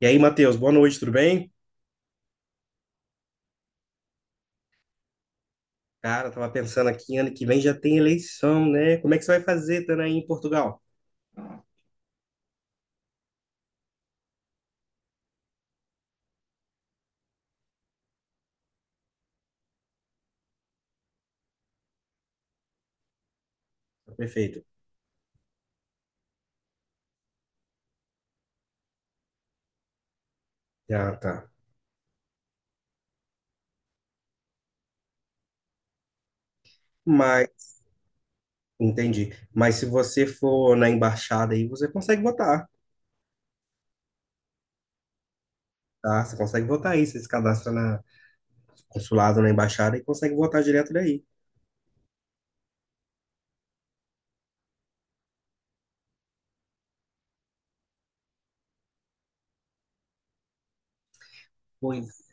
E aí, Matheus, boa noite, tudo bem? Cara, eu tava pensando aqui, ano que vem já tem eleição, né? Como é que você vai fazer, estando aí em Portugal? Tá, perfeito. Ah, tá. Mas, Entendi. Mas se você for na embaixada aí, você consegue votar, tá? Você consegue votar aí, você se cadastra na consulado, na embaixada e consegue votar direto daí. Pois,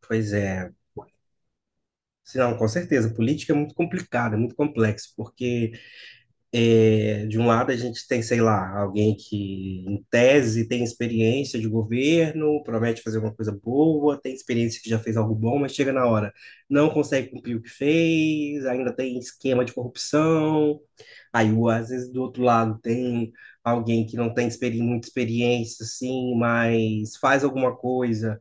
pois é. Se Não, com certeza. Política é muito complicada, é muito complexo, porque é, de um lado, a gente tem, sei lá, alguém que, em tese, tem experiência de governo, promete fazer uma coisa boa, tem experiência que já fez algo bom, mas chega na hora, não consegue cumprir o que fez, ainda tem esquema de corrupção. Aí, às vezes, do outro lado, tem alguém que não tem experi muita experiência, assim, mas faz alguma coisa,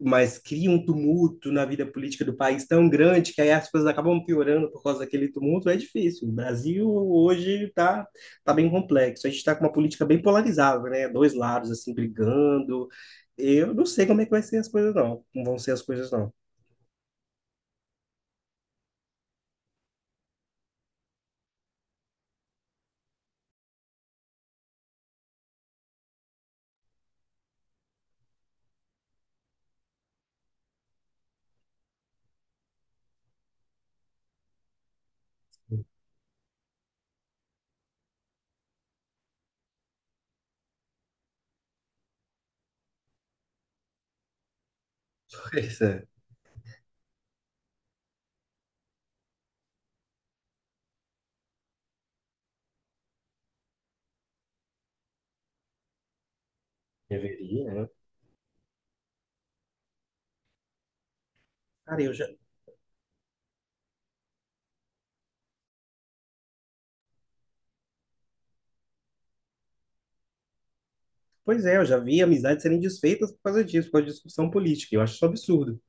mas cria um tumulto na vida política do país tão grande que aí as coisas acabam piorando por causa daquele tumulto, é difícil. O Brasil hoje está tá bem complexo. A gente está com uma política bem polarizada, né? Dois lados assim brigando. Eu não sei como é que vai ser as coisas, não. Como vão ser as coisas, não. Pois é, deveria, né? Cara, eu já. Pois é, eu já vi amizades serem desfeitas por causa disso, por causa de discussão política. Eu acho isso um absurdo.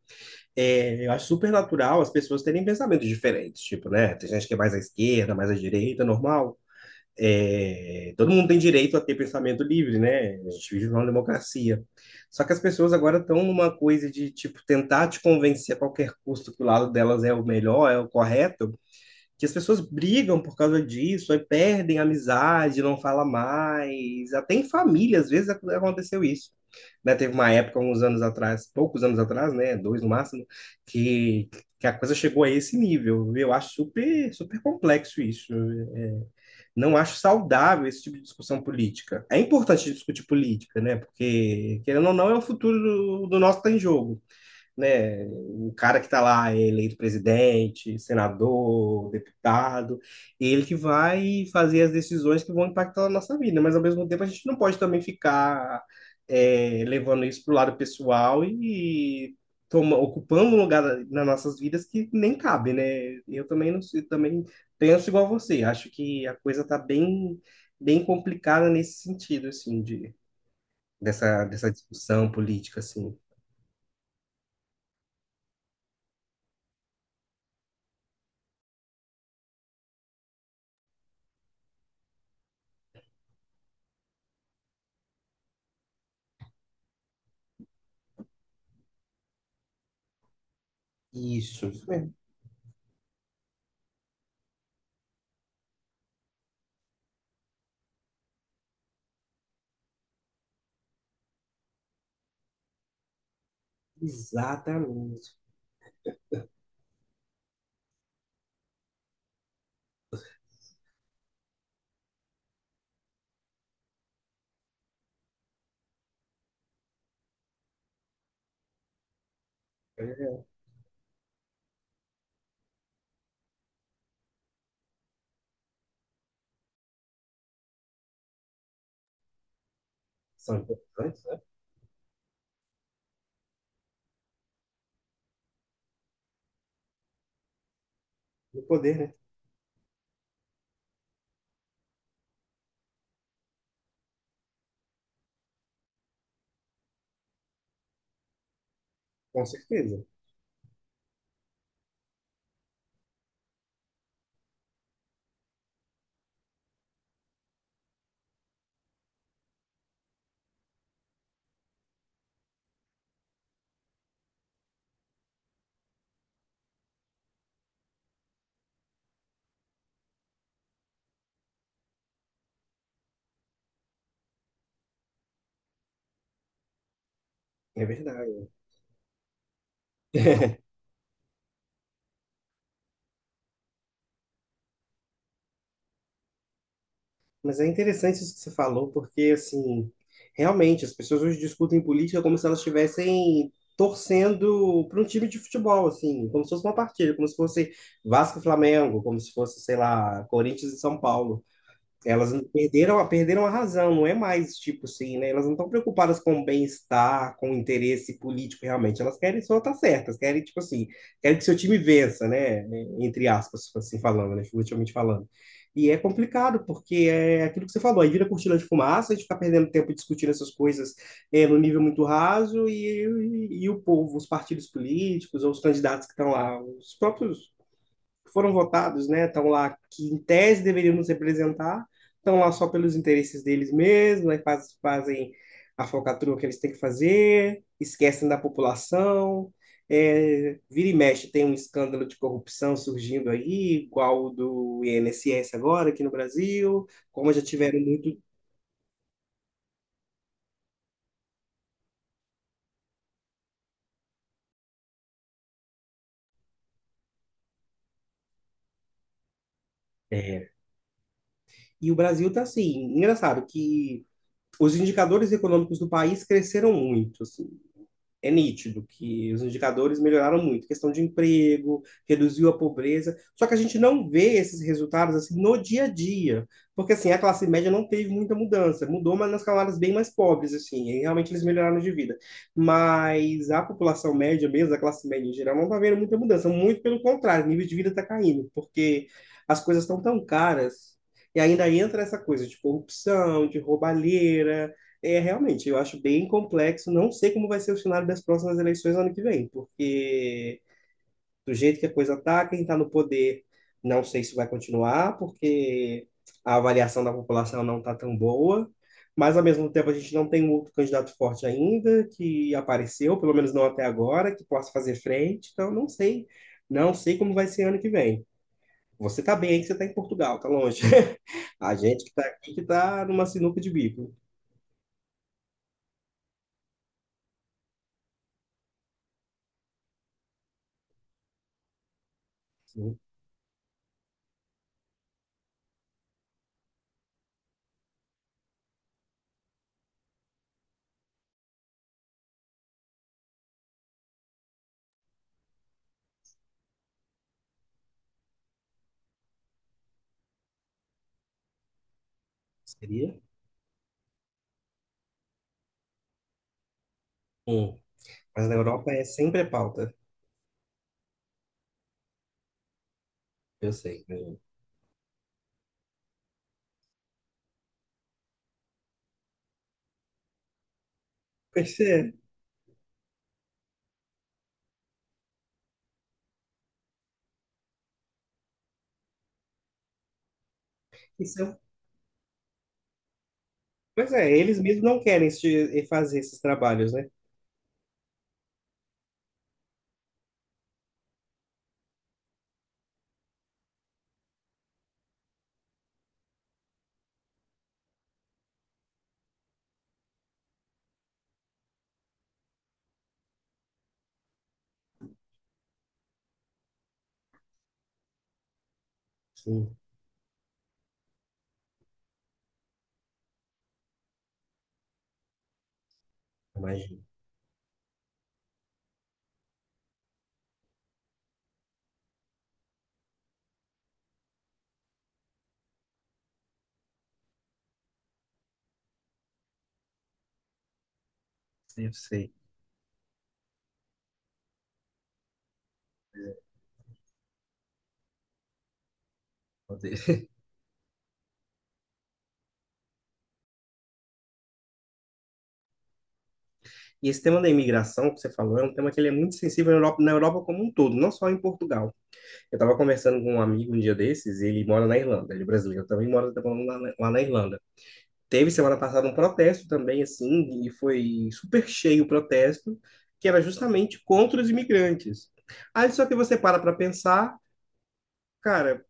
É, eu acho super natural as pessoas terem pensamentos diferentes, tipo, né? Tem gente que é mais à esquerda, mais à direita, normal. É, todo mundo tem direito a ter pensamento livre, né? A gente vive numa democracia. Só que as pessoas agora estão numa coisa de, tipo, tentar te convencer a qualquer custo que o lado delas é o melhor, é o correto, que as pessoas brigam por causa disso, aí perdem a amizade, não fala mais. Até em família, às vezes, aconteceu isso. Né? Teve uma época, uns anos atrás, poucos anos atrás, né? Dois no máximo, que, que a coisa chegou a esse nível. Eu acho super, super complexo isso. Não acho saudável esse tipo de discussão política. É importante discutir política, né? Porque, querendo ou não, é o futuro do nosso que está em jogo, né? O cara que está lá é eleito presidente, senador, deputado, ele que vai fazer as decisões que vão impactar a nossa vida, mas ao mesmo tempo a gente não pode também ficar é, levando isso para o lado pessoal e toma, ocupando um lugar nas nossas vidas que nem cabe, né? Eu também não sei, também penso igual a você, acho que a coisa está bem, bem complicada nesse sentido, assim, de, dessa discussão política, assim. Isso, isso. Exatamente. É, são importantes, né? No poder, né? Com certeza. É verdade. Mas é interessante isso que você falou, porque, assim, realmente, as pessoas hoje discutem política como se elas estivessem torcendo para um time de futebol, assim, como se fosse uma partida, como se fosse Vasco e Flamengo, como se fosse, sei lá, Corinthians e São Paulo. Elas não perderam a razão, não é mais tipo assim, né? Elas não estão preocupadas com o bem-estar, com o interesse político realmente. Elas querem só estar certas, querem, tipo assim, querem que seu time vença, né? Entre aspas, assim falando, né? Figurativamente falando. E é complicado, porque é aquilo que você falou, aí vira cortina de fumaça, a gente fica perdendo tempo discutindo essas coisas é, no nível muito raso, e o povo, os partidos políticos, ou os candidatos que estão lá, os próprios foram votados, né, estão lá que em tese deveriam nos representar, estão lá só pelos interesses deles mesmos, né, fazem a falcatrua que eles têm que fazer, esquecem da população. É, vira e mexe, tem um escândalo de corrupção surgindo aí, igual o do INSS agora aqui no Brasil, como já tiveram muito. É. E o Brasil está assim, engraçado que os indicadores econômicos do país cresceram muito. Assim, é nítido que os indicadores melhoraram muito, questão de emprego, reduziu a pobreza, só que a gente não vê esses resultados assim no dia a dia, porque assim, a classe média não teve muita mudança, mudou, mas nas camadas bem mais pobres, assim, e realmente eles melhoraram de vida, mas a população média mesmo, a classe média em geral, não está vendo muita mudança, muito pelo contrário, o nível de vida está caindo, porque as coisas estão tão caras, e ainda entra essa coisa de corrupção, de roubalheira, é, realmente, eu acho bem complexo. Não sei como vai ser o cenário das próximas eleições ano que vem, porque do jeito que a coisa está, quem está no poder, não sei se vai continuar, porque a avaliação da população não está tão boa. Mas, ao mesmo tempo, a gente não tem um outro candidato forte ainda que apareceu, pelo menos não até agora, que possa fazer frente. Então, não sei. Não sei como vai ser ano que vem. Você está bem aí que você está em Portugal, está longe. A gente que está aqui que está numa sinuca de bico. Sim, seria? Hum. Mas na Europa é sempre a pauta. Eu sei, imagina. Pois é. Isso é. Pois é, eles mesmos não querem fazer esses trabalhos, né? Sim, imagino. Eu sei. Meu Deus. E esse tema da imigração que você falou é um tema que ele é muito sensível na Europa como um todo, não só em Portugal. Eu estava conversando com um amigo um dia desses, e ele mora na Irlanda, ele é brasileiro, também mora tá morando lá, lá na Irlanda. Teve semana passada um protesto também, assim, e foi super cheio o protesto, que era justamente contra os imigrantes. Aí só que você para para pensar, cara,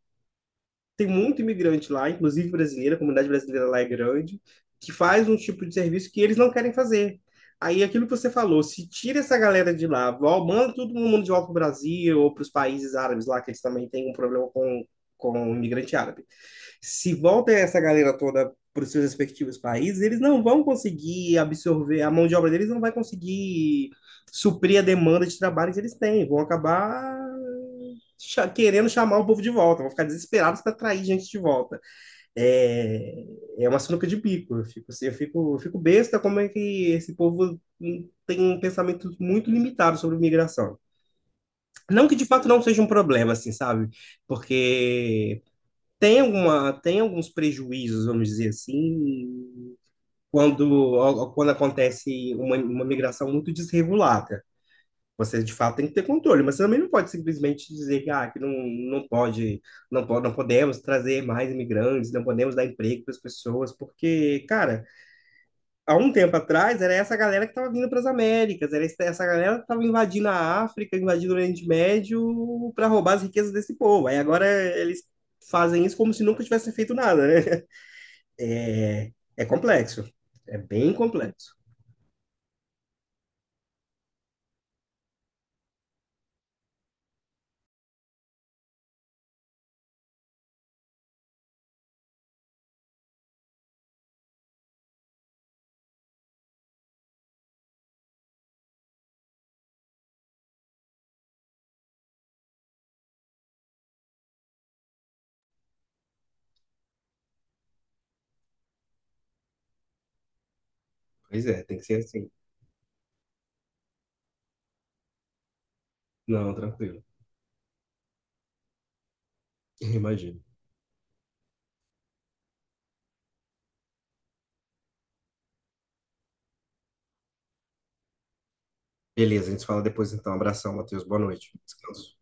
tem muito imigrante lá, inclusive brasileira, a comunidade brasileira lá é grande, que faz um tipo de serviço que eles não querem fazer. Aí aquilo que você falou, se tira essa galera de lá, manda todo mundo de volta para o Brasil ou para os países árabes lá, que eles também têm um problema com o imigrante árabe. Se volta essa galera toda para os seus respectivos países, eles não vão conseguir absorver, a mão de obra deles não vai conseguir suprir a demanda de trabalho que eles têm, vão acabar querendo chamar o povo de volta, vão ficar desesperados para atrair gente de volta. É, é uma sinuca de bico. Eu fico, assim, eu fico besta como é que esse povo tem um pensamento muito limitado sobre migração. Não que de fato não seja um problema, assim, sabe? Porque tem alguns prejuízos, vamos dizer assim, quando acontece uma migração muito desregulada. Você, de fato, tem que ter controle, mas você também não pode simplesmente dizer que, ah, que não, não pode, não pode, não podemos trazer mais imigrantes, não podemos dar emprego para as pessoas, porque, cara, há um tempo atrás era essa galera que estava vindo para as Américas, era essa galera que estava invadindo a África, invadindo o Oriente Médio para roubar as riquezas desse povo. Aí agora eles fazem isso como se nunca tivessem feito nada, né? É, é complexo, é bem complexo. Pois é, tem que ser assim. Não, tranquilo. Imagino. Beleza, a gente se fala depois então. Abração, Matheus. Boa noite. Descanso.